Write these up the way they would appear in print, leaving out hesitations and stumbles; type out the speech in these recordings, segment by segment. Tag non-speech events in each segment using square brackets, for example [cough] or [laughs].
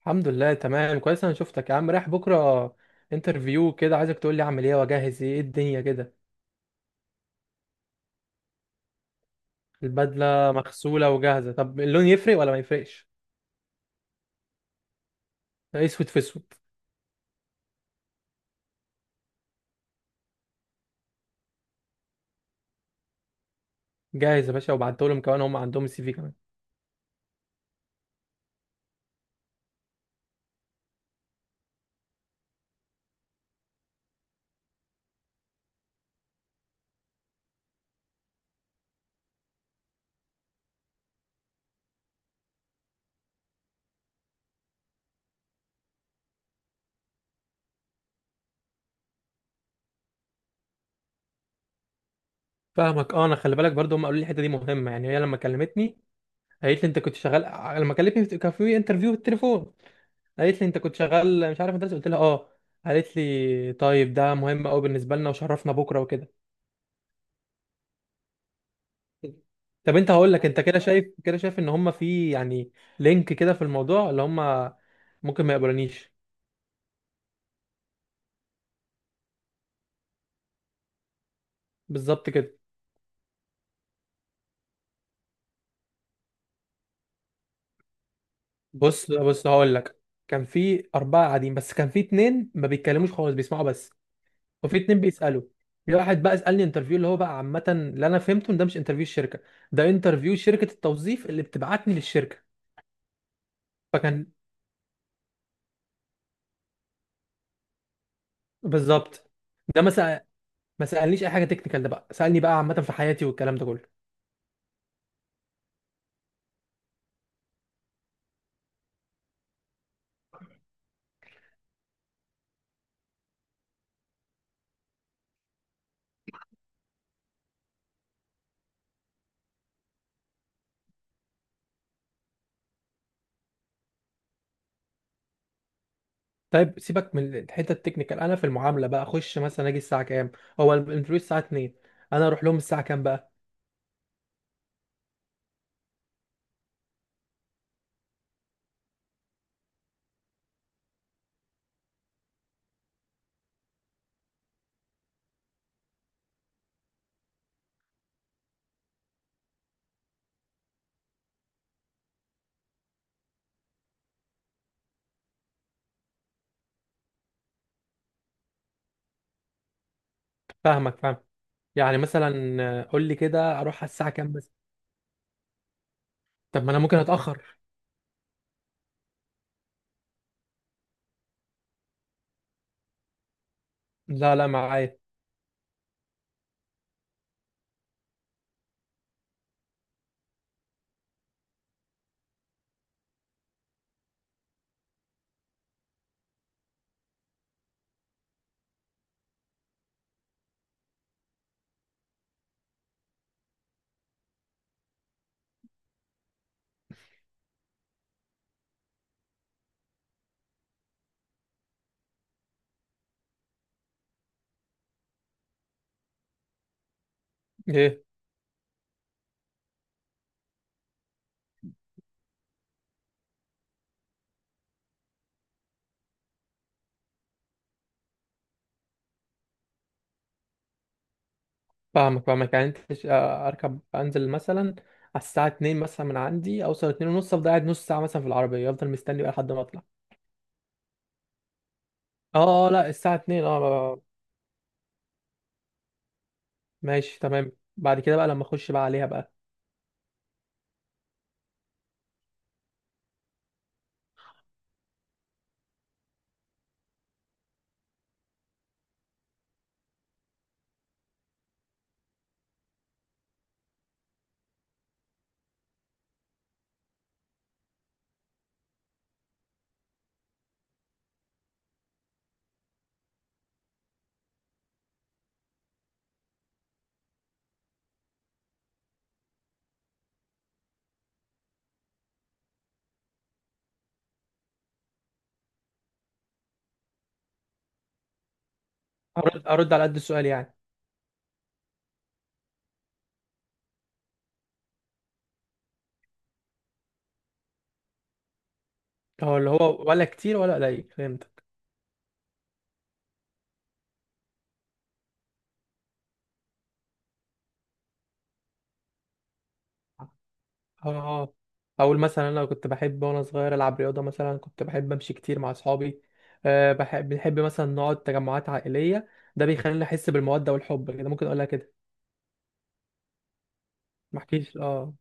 الحمد لله، تمام، كويس. انا شفتك يا عم رايح بكره انترفيو كده، عايزك تقول لي اعمل ايه واجهز ايه. إيه الدنيا كده؟ البدله مغسوله وجاهزه. طب اللون يفرق ولا ما يفرقش؟ اسود في اسود. جاهز يا باشا، وبعته لهم كمان، هم عندهم السي في كمان. فاهمك. اه، انا خلي بالك برضو هم قالوا لي الحته دي مهمه. يعني هي لما كلمتني قالت لي انت كنت شغال. لما كلمتني كان في انترفيو بالتليفون. قالت لي انت كنت شغال، مش عارف، مدرسه. قلت لها اه. قالت لي طيب ده مهم قوي بالنسبه لنا، وشرفنا بكره وكده. طب انت، هقول لك، انت كده شايف ان هم في يعني لينك كده في الموضوع اللي هم ممكن ما يقبلونيش. بالظبط كده. بص هقول لك. كان في اربعه قاعدين، بس كان في اتنين ما بيتكلموش خالص، بيسمعوا بس. وفي اتنين بيسالوا. في واحد بقى سالني انترفيو اللي هو بقى عامه، اللي انا فهمته ان ده مش انترفيو الشركه، ده انترفيو شركه التوظيف اللي بتبعتني للشركه. فكان، بالظبط. ده ما سأل، ما سالنيش اي حاجه تكنيكال، ده بقى سالني بقى عامه في حياتي والكلام ده كله. طيب سيبك من الحته التكنيكال. انا في المعامله بقى اخش مثلا، اجي الساعه كام؟ هو الانترفيو الساعه 2، انا اروح لهم الساعه كام بقى؟ فاهمك، فاهم. يعني مثلا، قول لي كده اروح على الساعه كام بس. طب ما انا ممكن اتاخر. لا، لا، معايا. ايه. فاهمك، فاهمك. يعني انت اركب انزل مثلا على الساعه 2. مثلا من عندي اوصل 2 ونص، افضل قاعد نص ساعه مثلا في العربيه، افضل مستني بقى لحد ما اطلع. اه، اه، لا، الساعه 2. اه، ماشي، تمام. بعد كده بقى لما اخش بقى عليها بقى. ارد على قد السؤال يعني. هو اللي هو، ولا كتير ولا قليل؟ فهمتك. اه، اه. اقول مثلا انا كنت بحب وانا صغير العب رياضه، مثلا كنت بحب امشي كتير مع اصحابي. بنحب مثلا نقعد تجمعات عائليه، ده بيخليني احس بالموده والحب كده. ممكن اقولها كده؟ ما احكيش. اه،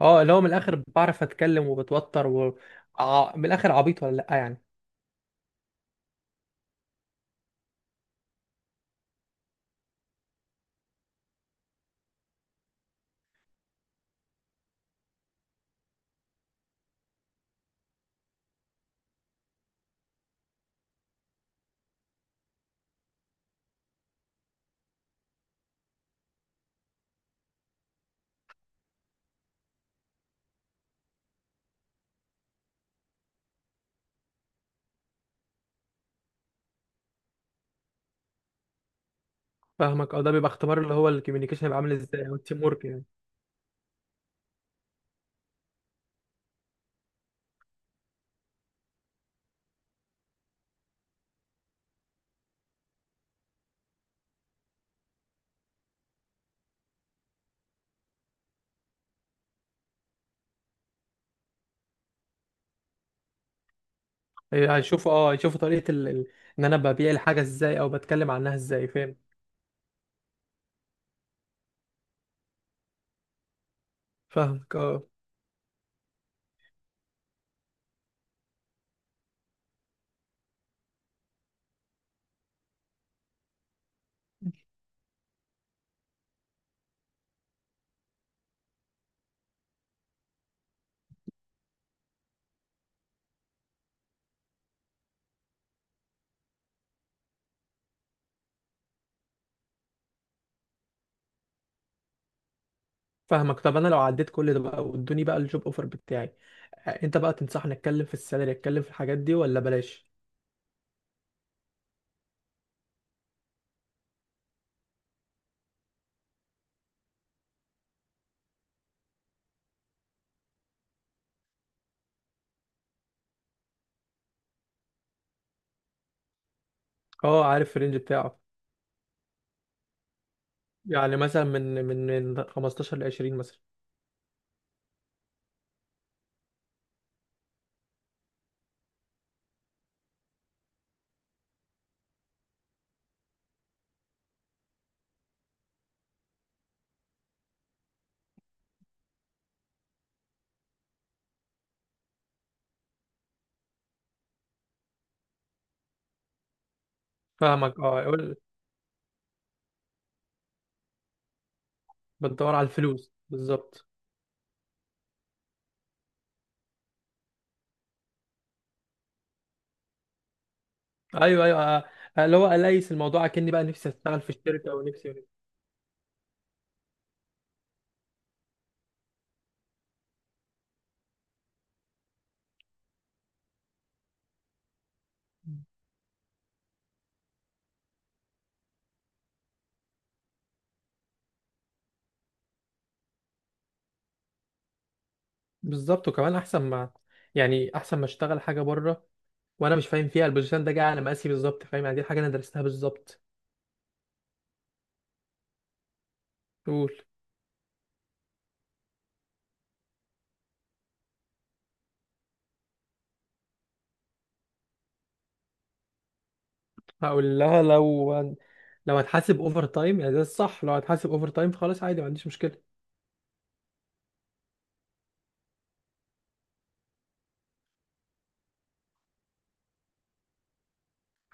اه، اللي هو من الاخر بعرف اتكلم وبتوتر و من الاخر، عبيط ولا لا يعني؟ فاهمك. اه، ده بيبقى اختبار اللي هو الكوميونيكيشن هيبقى عامل ازاي، او التيم ورك يعني. إيه، هيشوفوا. اه، طريقه ان انا ببيع الحاجه ازاي او بتكلم عنها ازاي، فاهم؟ فاهمك، اه. فاهمك. طب انا لو عديت كل ده بقى، وادوني بقى الجوب اوفر بتاعي، انت بقى تنصحني اتكلم في السالري، اتكلم في الحاجات دي ولا بلاش؟ اه، عارف الرينج بتاعه. يعني مثلا من 15 ل 20 مثلا. فاهمك، اه، يقول. بتدور على الفلوس بالظبط. ايوه، ايوه، اللي هو، اليس الموضوع، اكني بقى نفسي اشتغل في الشركه، ونفسي، ونفسي. بالظبط. وكمان احسن ما، يعني احسن ما اشتغل حاجه بره وانا مش فاهم فيها، البوزيشن ده جاي على مقاسي بالظبط، فاهم يعني؟ دي حاجه انا درستها بالظبط. قول. هقول لها لو هتحاسب اوفر تايم يعني، ده الصح. لو هتحاسب اوفر تايم فخلاص، عادي، ما عنديش مشكله.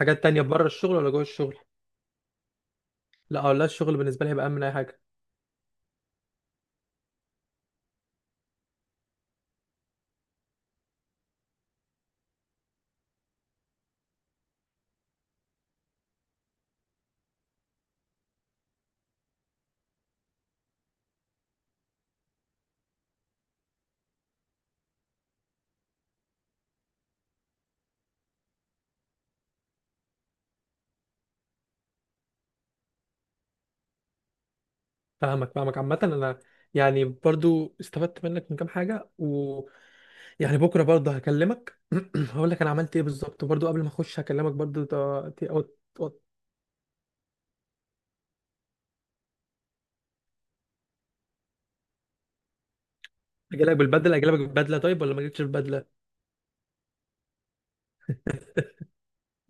حاجات تانية بره الشغل ولا جوه الشغل؟ لا، اقول لها الشغل بالنسبه لي هيبقى اهم من اي حاجه. فاهمك، فاهمك. عامه انا، يعني برضو استفدت منك من كام حاجه، و، يعني بكره برضه هكلمك. [clears throat] هقول لك انا عملت ايه بالظبط برضه، قبل ما اخش هكلمك برضه. ت- ت- أو- أو- اجي لك بالبدله طيب، ولا ما اجيلكش بالبدله؟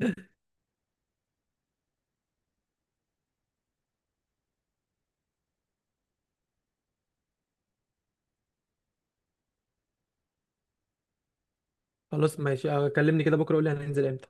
[laughs] خلاص، ماشي. كلمني كده بكره قول لي هننزل امتى.